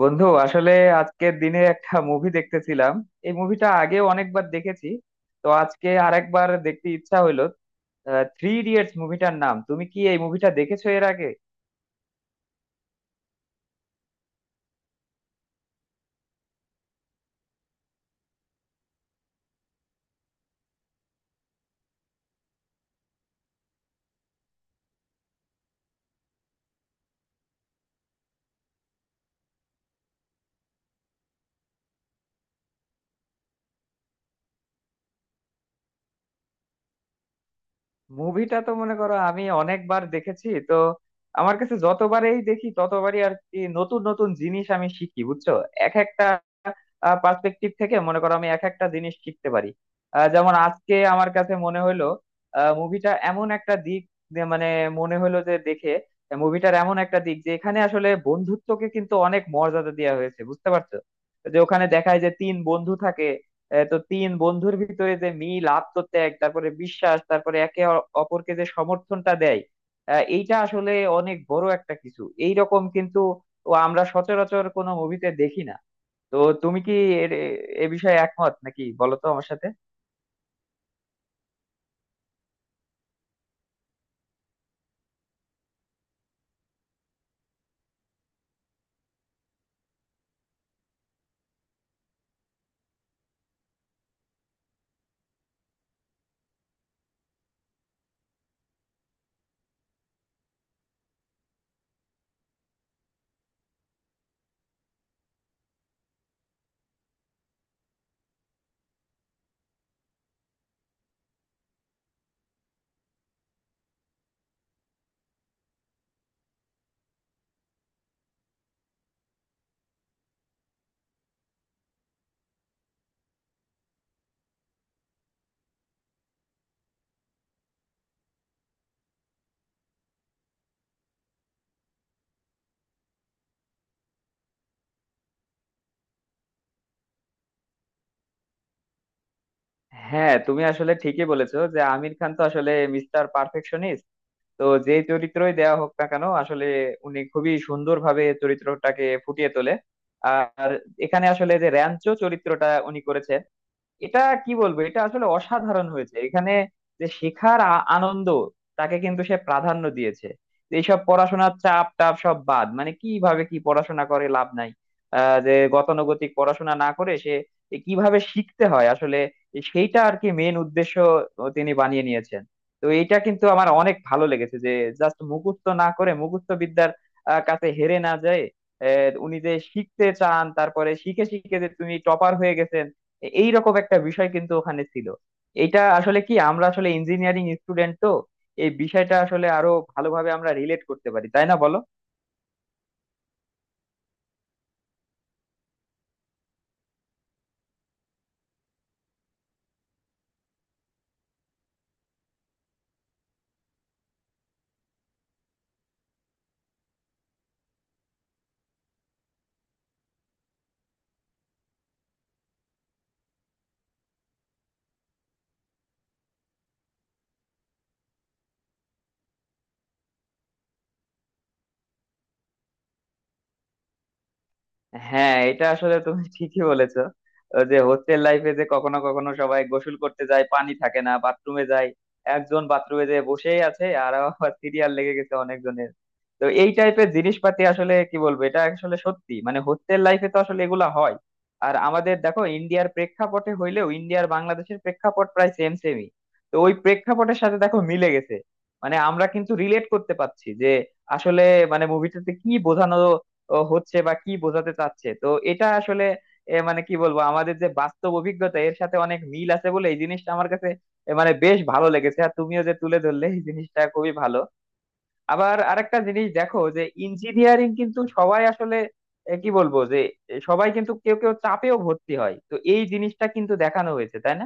বন্ধু আসলে আজকের দিনে একটা মুভি দেখতেছিলাম। এই মুভিটা আগে অনেকবার দেখেছি, তো আজকে আরেকবার দেখতে ইচ্ছা হইলো। থ্রি ইডিয়টস মুভিটার নাম। তুমি কি এই মুভিটা দেখেছো এর আগে? মুভিটা তো মনে করো আমি অনেকবার দেখেছি, তো আমার কাছে যতবারই দেখি ততবারই আর কি নতুন নতুন জিনিস আমি শিখি, বুঝছো? এক একটা পার্সপেক্টিভ থেকে মনে করো আমি এক একটা জিনিস শিখতে পারি। যেমন আজকে আমার কাছে মনে হলো মুভিটা এমন একটা দিক, যে মানে মনে হলো যে দেখে মুভিটার এমন একটা দিক, যে এখানে আসলে বন্ধুত্বকে কিন্তু অনেক মর্যাদা দেওয়া হয়েছে, বুঝতে পারছো? যে ওখানে দেখায় যে তিন বন্ধু থাকে। তো তিন বন্ধুর ভিতরে যে মিল, আত্মত্যাগ, তারপরে বিশ্বাস, তারপরে একে অপরকে যে সমর্থনটা দেয়, এইটা আসলে অনেক বড় একটা কিছু এইরকম, কিন্তু ও আমরা সচরাচর কোনো মুভিতে দেখি না। তো তুমি কি এর- এ এ বিষয়ে একমত নাকি, বলো তো আমার সাথে? হ্যাঁ, তুমি আসলে ঠিকই বলেছো যে আমির খান তো আসলে মিস্টার পারফেকশনিস্ট। তো যে চরিত্রই দেওয়া হোক না কেন, আসলে উনি খুবই সুন্দরভাবে চরিত্রটাকে ফুটিয়ে তোলে। আর এখানে আসলে যে র্যাঞ্চো চরিত্রটা উনি করেছেন, এটা কি বলবো, এটা আসলে অসাধারণ হয়েছে এখানে। যে শেখার আনন্দ, তাকে কিন্তু সে প্রাধান্য দিয়েছে। এইসব পড়াশোনার চাপ টাপ সব বাদ, মানে কিভাবে কি পড়াশোনা করে লাভ নাই। যে গতানুগতিক পড়াশোনা না করে সে কিভাবে শিখতে হয় আসলে, সেইটা আর কি মেন উদ্দেশ্য তিনি বানিয়ে নিয়েছেন। তো এইটা কিন্তু আমার অনেক ভালো লেগেছে যে জাস্ট মুখস্থ না করে মুখস্থ বিদ্যার কাছে হেরে না যায়, উনি যে শিখতে চান, তারপরে শিখে শিখে যে তুমি টপার হয়ে গেছেন, এই রকম একটা বিষয় কিন্তু ওখানে ছিল। এটা আসলে কি, আমরা আসলে ইঞ্জিনিয়ারিং স্টুডেন্ট, তো এই বিষয়টা আসলে আরো ভালোভাবে আমরা রিলেট করতে পারি, তাই না বলো? হ্যাঁ, এটা আসলে তুমি ঠিকই বলেছো যে হোস্টেল লাইফে যে কখনো কখনো সবাই গোসল করতে যায়, পানি থাকে না, বাথরুমে যায়, একজন বাথরুমে যেয়ে বসেই আছে, আর আবার সিরিয়াল লেগে গেছে অনেকজনের। তো এই টাইপের জিনিসপাতি আসলে কি বলবো, এটা আসলে সত্যি মানে হোস্টেল লাইফে তো আসলে এগুলা হয়। আর আমাদের দেখো ইন্ডিয়ার প্রেক্ষাপটে হইলেও ইন্ডিয়ার বাংলাদেশের প্রেক্ষাপট প্রায় সেম সেমই। তো ওই প্রেক্ষাপটের সাথে দেখো মিলে গেছে, মানে আমরা কিন্তু রিলেট করতে পারছি যে আসলে মানে মুভিটাতে কি বোঝানো ও হচ্ছে বা কি বোঝাতে চাচ্ছে। তো এটা আসলে মানে কি বলবো, আমাদের যে বাস্তব অভিজ্ঞতা এর সাথে অনেক মিল আছে বলে এই জিনিসটা আমার কাছে মানে বেশ ভালো লেগেছে। আর তুমিও যে তুলে ধরলে, এই জিনিসটা খুবই ভালো। আবার আরেকটা জিনিস দেখো যে ইঞ্জিনিয়ারিং কিন্তু সবাই আসলে কি বলবো যে সবাই কিন্তু, কেউ কেউ চাপেও ভর্তি হয়, তো এই জিনিসটা কিন্তু দেখানো হয়েছে, তাই না?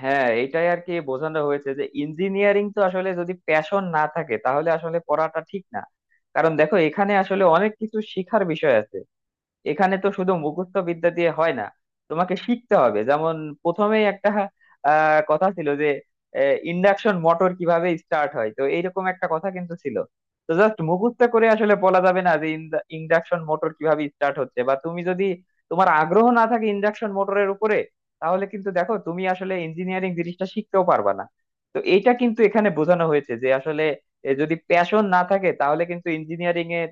হ্যাঁ, এটাই আর কি বোঝানো হয়েছে যে ইঞ্জিনিয়ারিং তো আসলে যদি প্যাশন না থাকে, তাহলে আসলে পড়াটা ঠিক না। কারণ দেখো, এখানে আসলে অনেক কিছু শিখার বিষয় আছে। এখানে তো শুধু মুখস্থ বিদ্যা দিয়ে হয় না, তোমাকে শিখতে হবে। যেমন প্রথমেই একটা কথা ছিল যে ইন্ডাকশন মোটর কিভাবে স্টার্ট হয়, তো এইরকম একটা কথা কিন্তু ছিল। তো জাস্ট মুখস্থ করে আসলে বলা যাবে না যে ইন্ডাকশন মোটর কিভাবে স্টার্ট হচ্ছে। বা তুমি যদি, তোমার আগ্রহ না থাকে ইন্ডাকশন মোটরের উপরে, তাহলে কিন্তু দেখো তুমি আসলে ইঞ্জিনিয়ারিং জিনিসটা শিখতেও পারবা না। তো এইটা কিন্তু এখানে বোঝানো হয়েছে যে আসলে যদি প্যাশন না থাকে, তাহলে কিন্তু ইঞ্জিনিয়ারিং এর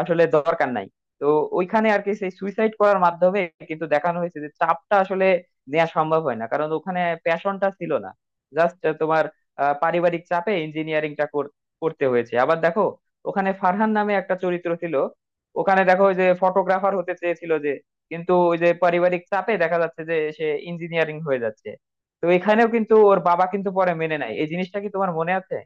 আসলে দরকার নাই। তো ওইখানে আর কি সেই সুইসাইড করার মাধ্যমে কিন্তু দেখানো হয়েছে যে চাপটা আসলে নেওয়া সম্ভব হয় না, কারণ ওখানে প্যাশনটা ছিল না। জাস্ট তোমার পারিবারিক চাপে ইঞ্জিনিয়ারিংটা করতে হয়েছে। আবার দেখো, ওখানে ফারহান নামে একটা চরিত্র ছিল। ওখানে দেখো, ওই যে ফটোগ্রাফার হতে চেয়েছিল যে, কিন্তু ওই যে পারিবারিক চাপে দেখা যাচ্ছে যে সে ইঞ্জিনিয়ারিং হয়ে যাচ্ছে। তো এখানেও কিন্তু ওর বাবা কিন্তু পরে মেনে নেয়। এই জিনিসটা কি তোমার মনে আছে?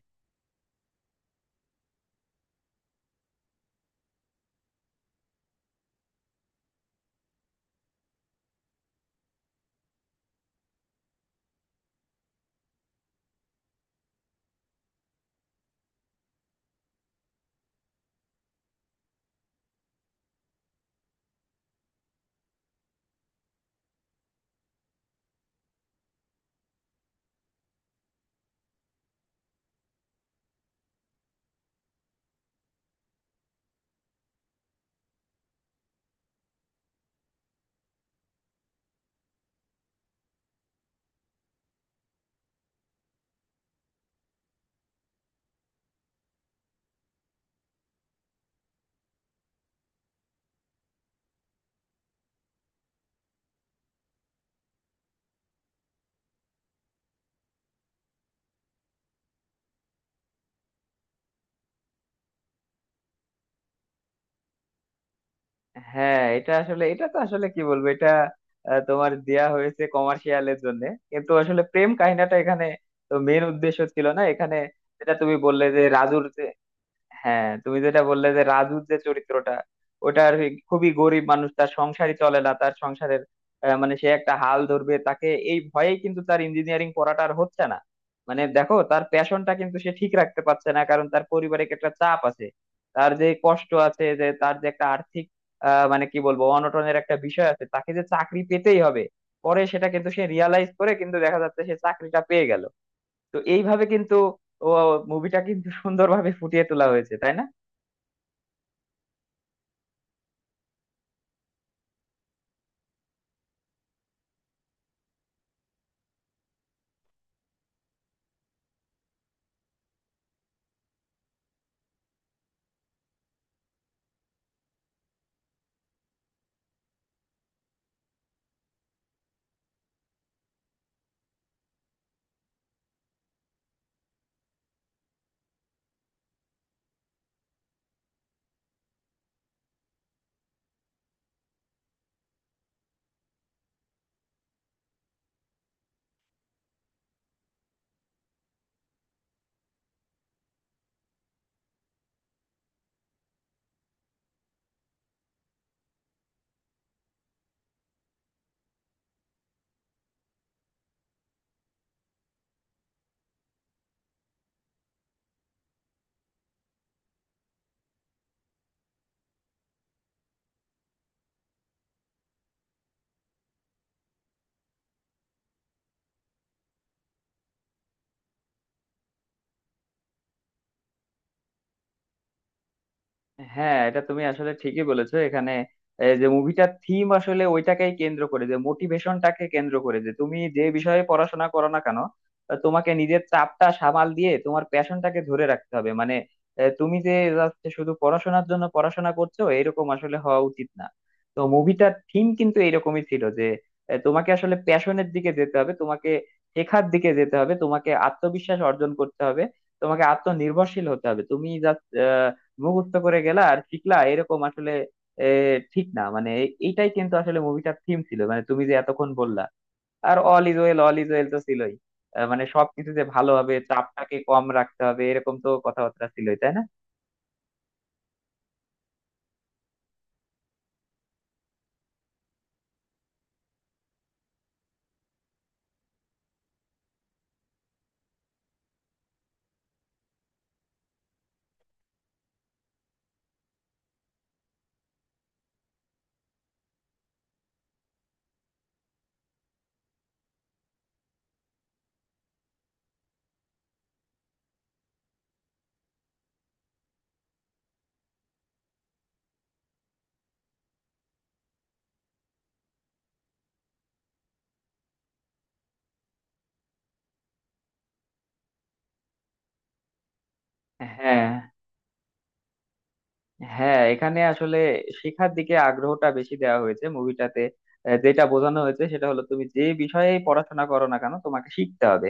হ্যাঁ, এটা আসলে, এটা তো আসলে কি বলবো, এটা তোমার দেয়া হয়েছে কমার্শিয়ালের জন্য, কিন্তু আসলে প্রেম কাহিনীটা এখানে তো মেন উদ্দেশ্য ছিল না এখানে। যেটা তুমি বললে যে রাজুর, হ্যাঁ তুমি যেটা বললে যে রাজুর যে চরিত্রটা, ওটা আর কি খুবই গরিব মানুষ, তার সংসারই চলে না, তার সংসারের মানে সে একটা হাল ধরবে তাকে, এই ভয়েই কিন্তু তার ইঞ্জিনিয়ারিং পড়াটা আর হচ্ছে না। মানে দেখো, তার প্যাশনটা কিন্তু সে ঠিক রাখতে পারছে না, কারণ তার পারিবারিক একটা চাপ আছে, তার যে কষ্ট আছে, যে তার যে একটা আর্থিক মানে কি বলবো অনটনের একটা বিষয় আছে, তাকে যে চাকরি পেতেই হবে। পরে সেটা কিন্তু সে রিয়ালাইজ করে, কিন্তু দেখা যাচ্ছে সে চাকরিটা পেয়ে গেল। তো এইভাবে কিন্তু ও মুভিটা কিন্তু সুন্দরভাবে ফুটিয়ে তোলা হয়েছে, তাই না? হ্যাঁ, এটা তুমি আসলে ঠিকই বলেছো। এখানে এই যে মুভিটার থিম আসলে ওইটাকেই কেন্দ্র করে, যে মোটিভেশনটাকে কেন্দ্র করে যে তুমি যে বিষয়ে পড়াশোনা করো না কেন, তোমাকে নিজের চাপটা সামাল দিয়ে তোমার প্যাশনটাকে ধরে রাখতে হবে। মানে তুমি যে just শুধু পড়াশোনার জন্য পড়াশোনা করছো, এরকম আসলে হওয়া উচিত না। তো মুভিটার থিম কিন্তু এরকমই ছিল যে তোমাকে আসলে প্যাশনের দিকে যেতে হবে, তোমাকে শেখার দিকে যেতে হবে, তোমাকে আত্মবিশ্বাস অর্জন করতে হবে, তোমাকে আত্মনির্ভরশীল হতে হবে। তুমি জাস্ট মুখস্থ করে গেলা আর শিখলা, এরকম আসলে এ, ঠিক না। মানে এইটাই কিন্তু আসলে মুভিটার থিম ছিল, মানে তুমি যে এতক্ষণ বললা। আর all is well, all is well তো ছিলই। মানে সবকিছু যে ভালো হবে, চাপটাকে কম রাখতে হবে, এরকম তো কথাবার্তা ছিলই, তাই না? হ্যাঁ, হ্যাঁ এখানে আসলে শেখার দিকে আগ্রহটা বেশি দেওয়া হয়েছে মুভিটাতে। যেটা বোঝানো হয়েছে সেটা হলো তুমি যে বিষয়ে পড়াশোনা করো না কেন, তোমাকে শিখতে হবে।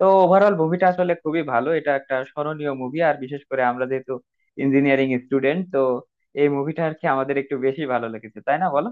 তো ওভারঅল মুভিটা আসলে খুবই ভালো, এটা একটা স্মরণীয় মুভি। আর বিশেষ করে আমরা যেহেতু ইঞ্জিনিয়ারিং স্টুডেন্ট, তো এই মুভিটা আর কি আমাদের একটু বেশি ভালো লেগেছে, তাই না বলো?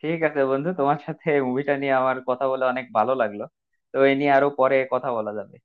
ঠিক আছে বন্ধু, তোমার সাথে এই মুভিটা নিয়ে আমার কথা বলে অনেক ভালো লাগলো। তো এই নিয়ে আরো পরে কথা বলা যাবে।